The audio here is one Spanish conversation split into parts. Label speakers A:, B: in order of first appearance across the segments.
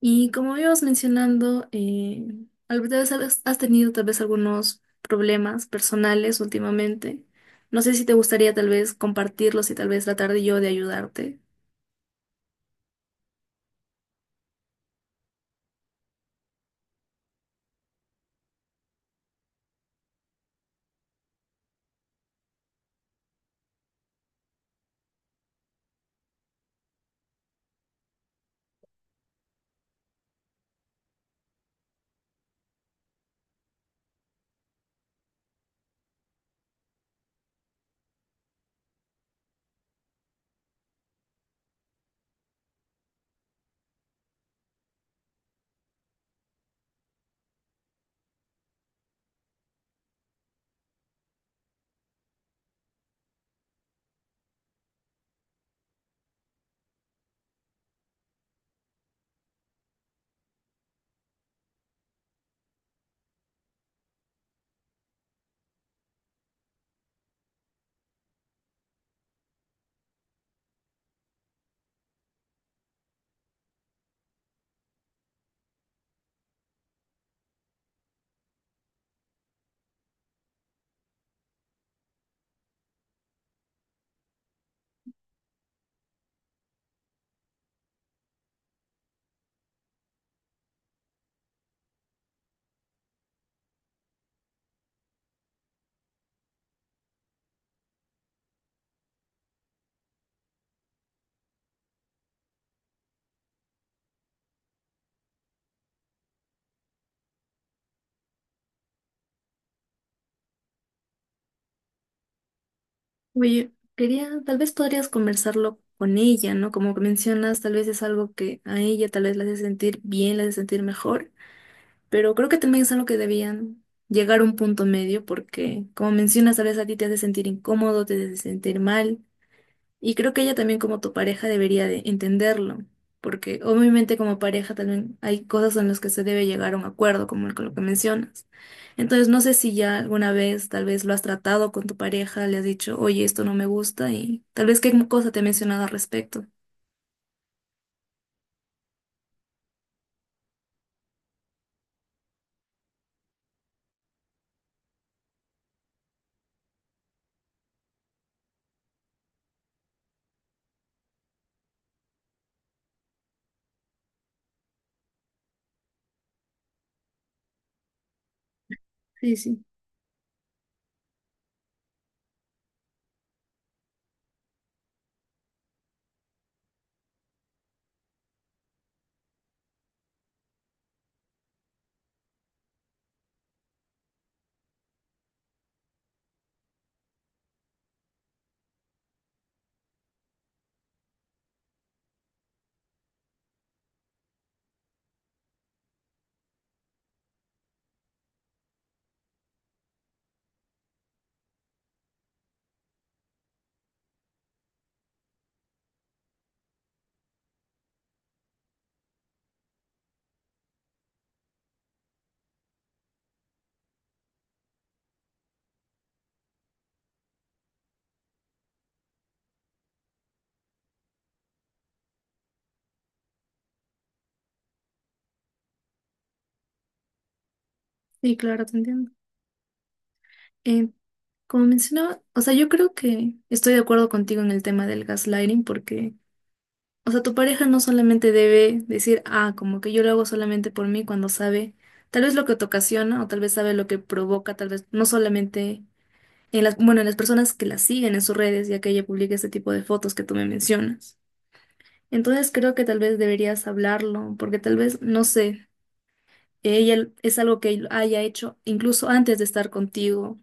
A: Y como íbamos mencionando, tal vez has tenido tal vez algunos problemas personales últimamente. No sé si te gustaría tal vez compartirlos y tal vez tratar de yo de ayudarte. Oye, quería, tal vez podrías conversarlo con ella, ¿no? Como que mencionas, tal vez es algo que a ella tal vez la hace sentir bien, la hace sentir mejor, pero creo que también es algo que debían llegar a un punto medio porque, como mencionas, tal vez a ti te hace sentir incómodo, te hace sentir mal. Y creo que ella también como tu pareja debería de entenderlo, porque obviamente como pareja también hay cosas en las que se debe llegar a un acuerdo, como con lo que mencionas. Entonces no sé si ya alguna vez tal vez lo has tratado con tu pareja, le has dicho, oye, esto no me gusta y tal vez qué cosa te ha mencionado al respecto. Sí, sí, sí, claro, te entiendo. Eh, Como mencionaba, o sea, yo creo que estoy de acuerdo contigo en el tema del gaslighting porque... O sea, tu pareja no solamente debe decir, ah, como que yo lo hago solamente por mí cuando sabe tal vez lo que te ocasiona o tal vez sabe lo que provoca, tal vez no solamente en las, bueno, en las personas que la siguen en sus redes, ya que ella publica este tipo de fotos que tú me mencionas. Entonces creo que tal vez deberías hablarlo, porque tal vez, no sé, ella es algo que haya hecho incluso antes de estar contigo.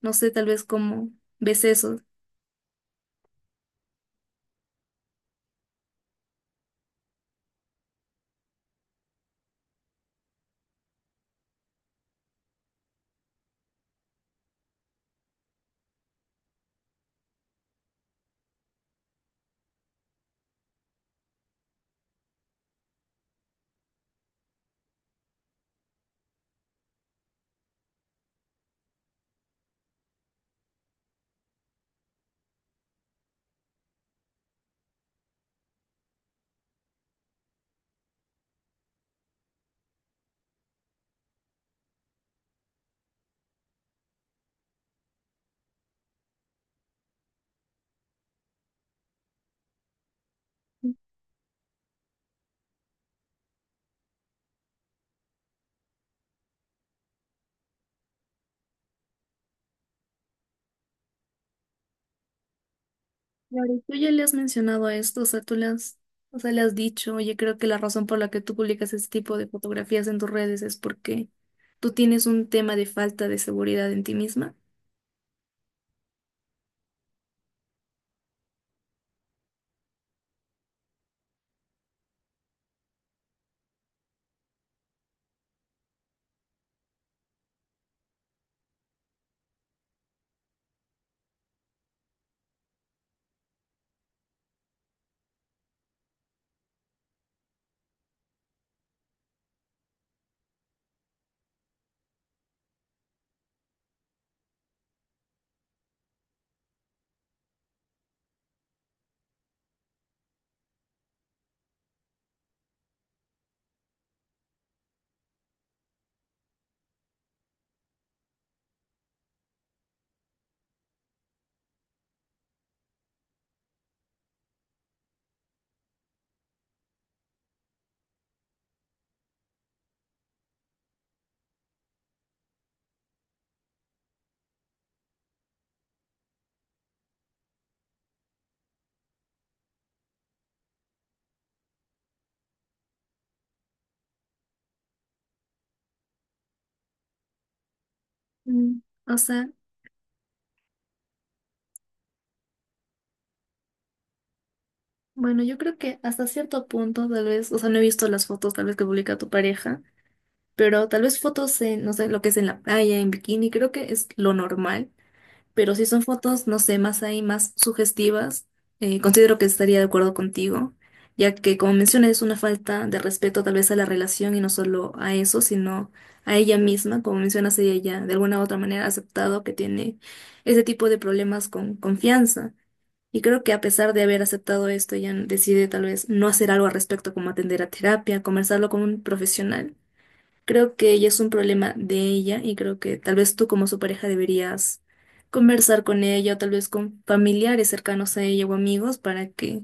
A: No sé, tal vez cómo ves eso. Claro, y tú ya le has mencionado esto, o sea, tú le has, o sea, le has dicho, oye, creo que la razón por la que tú publicas este tipo de fotografías en tus redes es porque tú tienes un tema de falta de seguridad en ti misma. Mm, o sea, bueno, yo creo que hasta cierto punto, tal vez, o sea, no he visto las fotos tal vez que publica tu pareja, pero tal vez fotos en, no sé, lo que es en la playa, en bikini, creo que es lo normal. Pero si son fotos, no sé, más ahí, más sugestivas, considero que estaría de acuerdo contigo, ya que como mencionas es una falta de respeto tal vez a la relación y no solo a eso, sino a ella misma, como mencionas, ella ya de alguna u otra manera ha aceptado que tiene ese tipo de problemas con confianza. Y creo que a pesar de haber aceptado esto, ella decide tal vez no hacer algo al respecto, como atender a terapia, conversarlo con un profesional. Creo que ya es un problema de ella y creo que tal vez tú como su pareja deberías conversar con ella o tal vez con familiares cercanos a ella o amigos para que,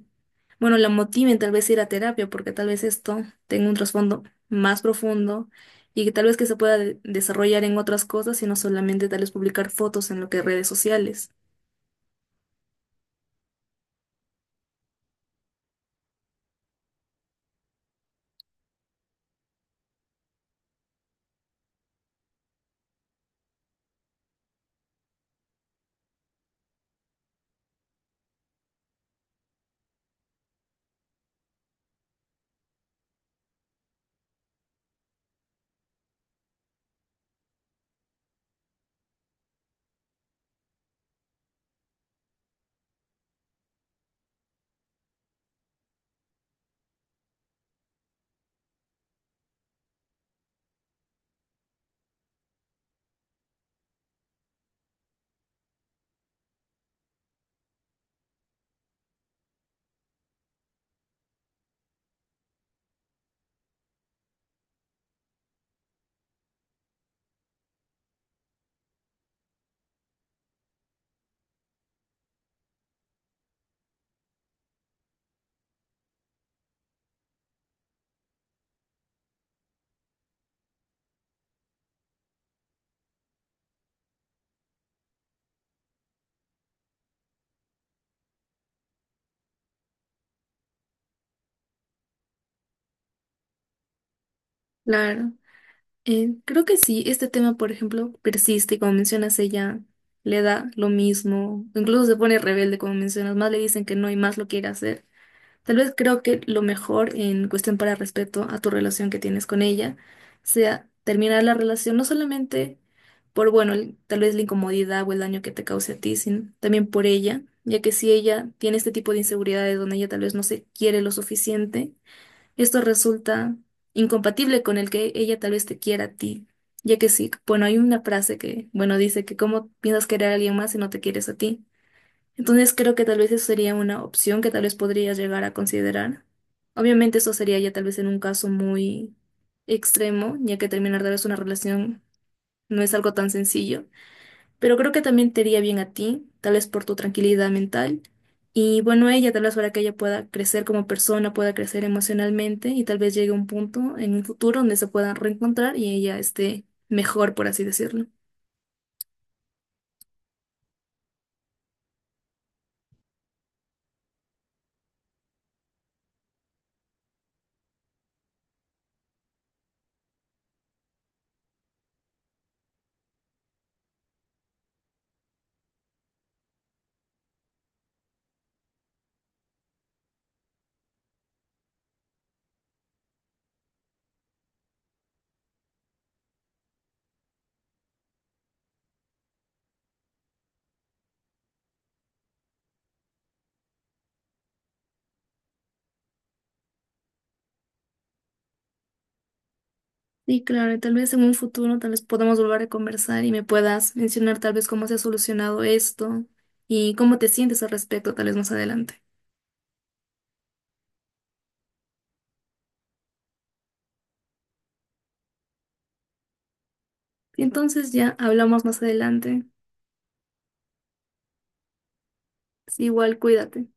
A: bueno, la motiven tal vez a ir a terapia porque tal vez esto tenga un trasfondo más profundo y que tal vez que se pueda desarrollar en otras cosas y no solamente tal vez publicar fotos en lo que redes sociales. Claro. Creo que sí, este tema, por ejemplo, persiste y como mencionas, ella le da lo mismo, incluso se pone rebelde, como mencionas, más le dicen que no y más lo quiere hacer. Tal vez creo que lo mejor en cuestión para respeto a tu relación que tienes con ella sea terminar la relación, no solamente por, bueno, tal vez la incomodidad o el daño que te cause a ti, sino también por ella, ya que si ella tiene este tipo de inseguridades donde ella tal vez no se quiere lo suficiente, esto resulta incompatible con el que ella tal vez te quiera a ti, ya que sí, bueno, hay una frase que, bueno, dice que cómo piensas querer a alguien más si no te quieres a ti. Entonces creo que tal vez eso sería una opción que tal vez podrías llegar a considerar. Obviamente eso sería ya tal vez en un caso muy extremo, ya que terminar tal vez una relación no es algo tan sencillo, pero creo que también te iría bien a ti, tal vez por tu tranquilidad mental. Y bueno, a ella tal vez para que ella pueda crecer como persona, pueda crecer emocionalmente y tal vez llegue a un punto en un futuro donde se puedan reencontrar y ella esté mejor, por así decirlo. Y claro, y tal vez en un futuro tal vez podamos volver a conversar y me puedas mencionar tal vez cómo se ha solucionado esto y cómo te sientes al respecto tal vez más adelante. Y entonces ya hablamos más adelante. Sí, igual cuídate.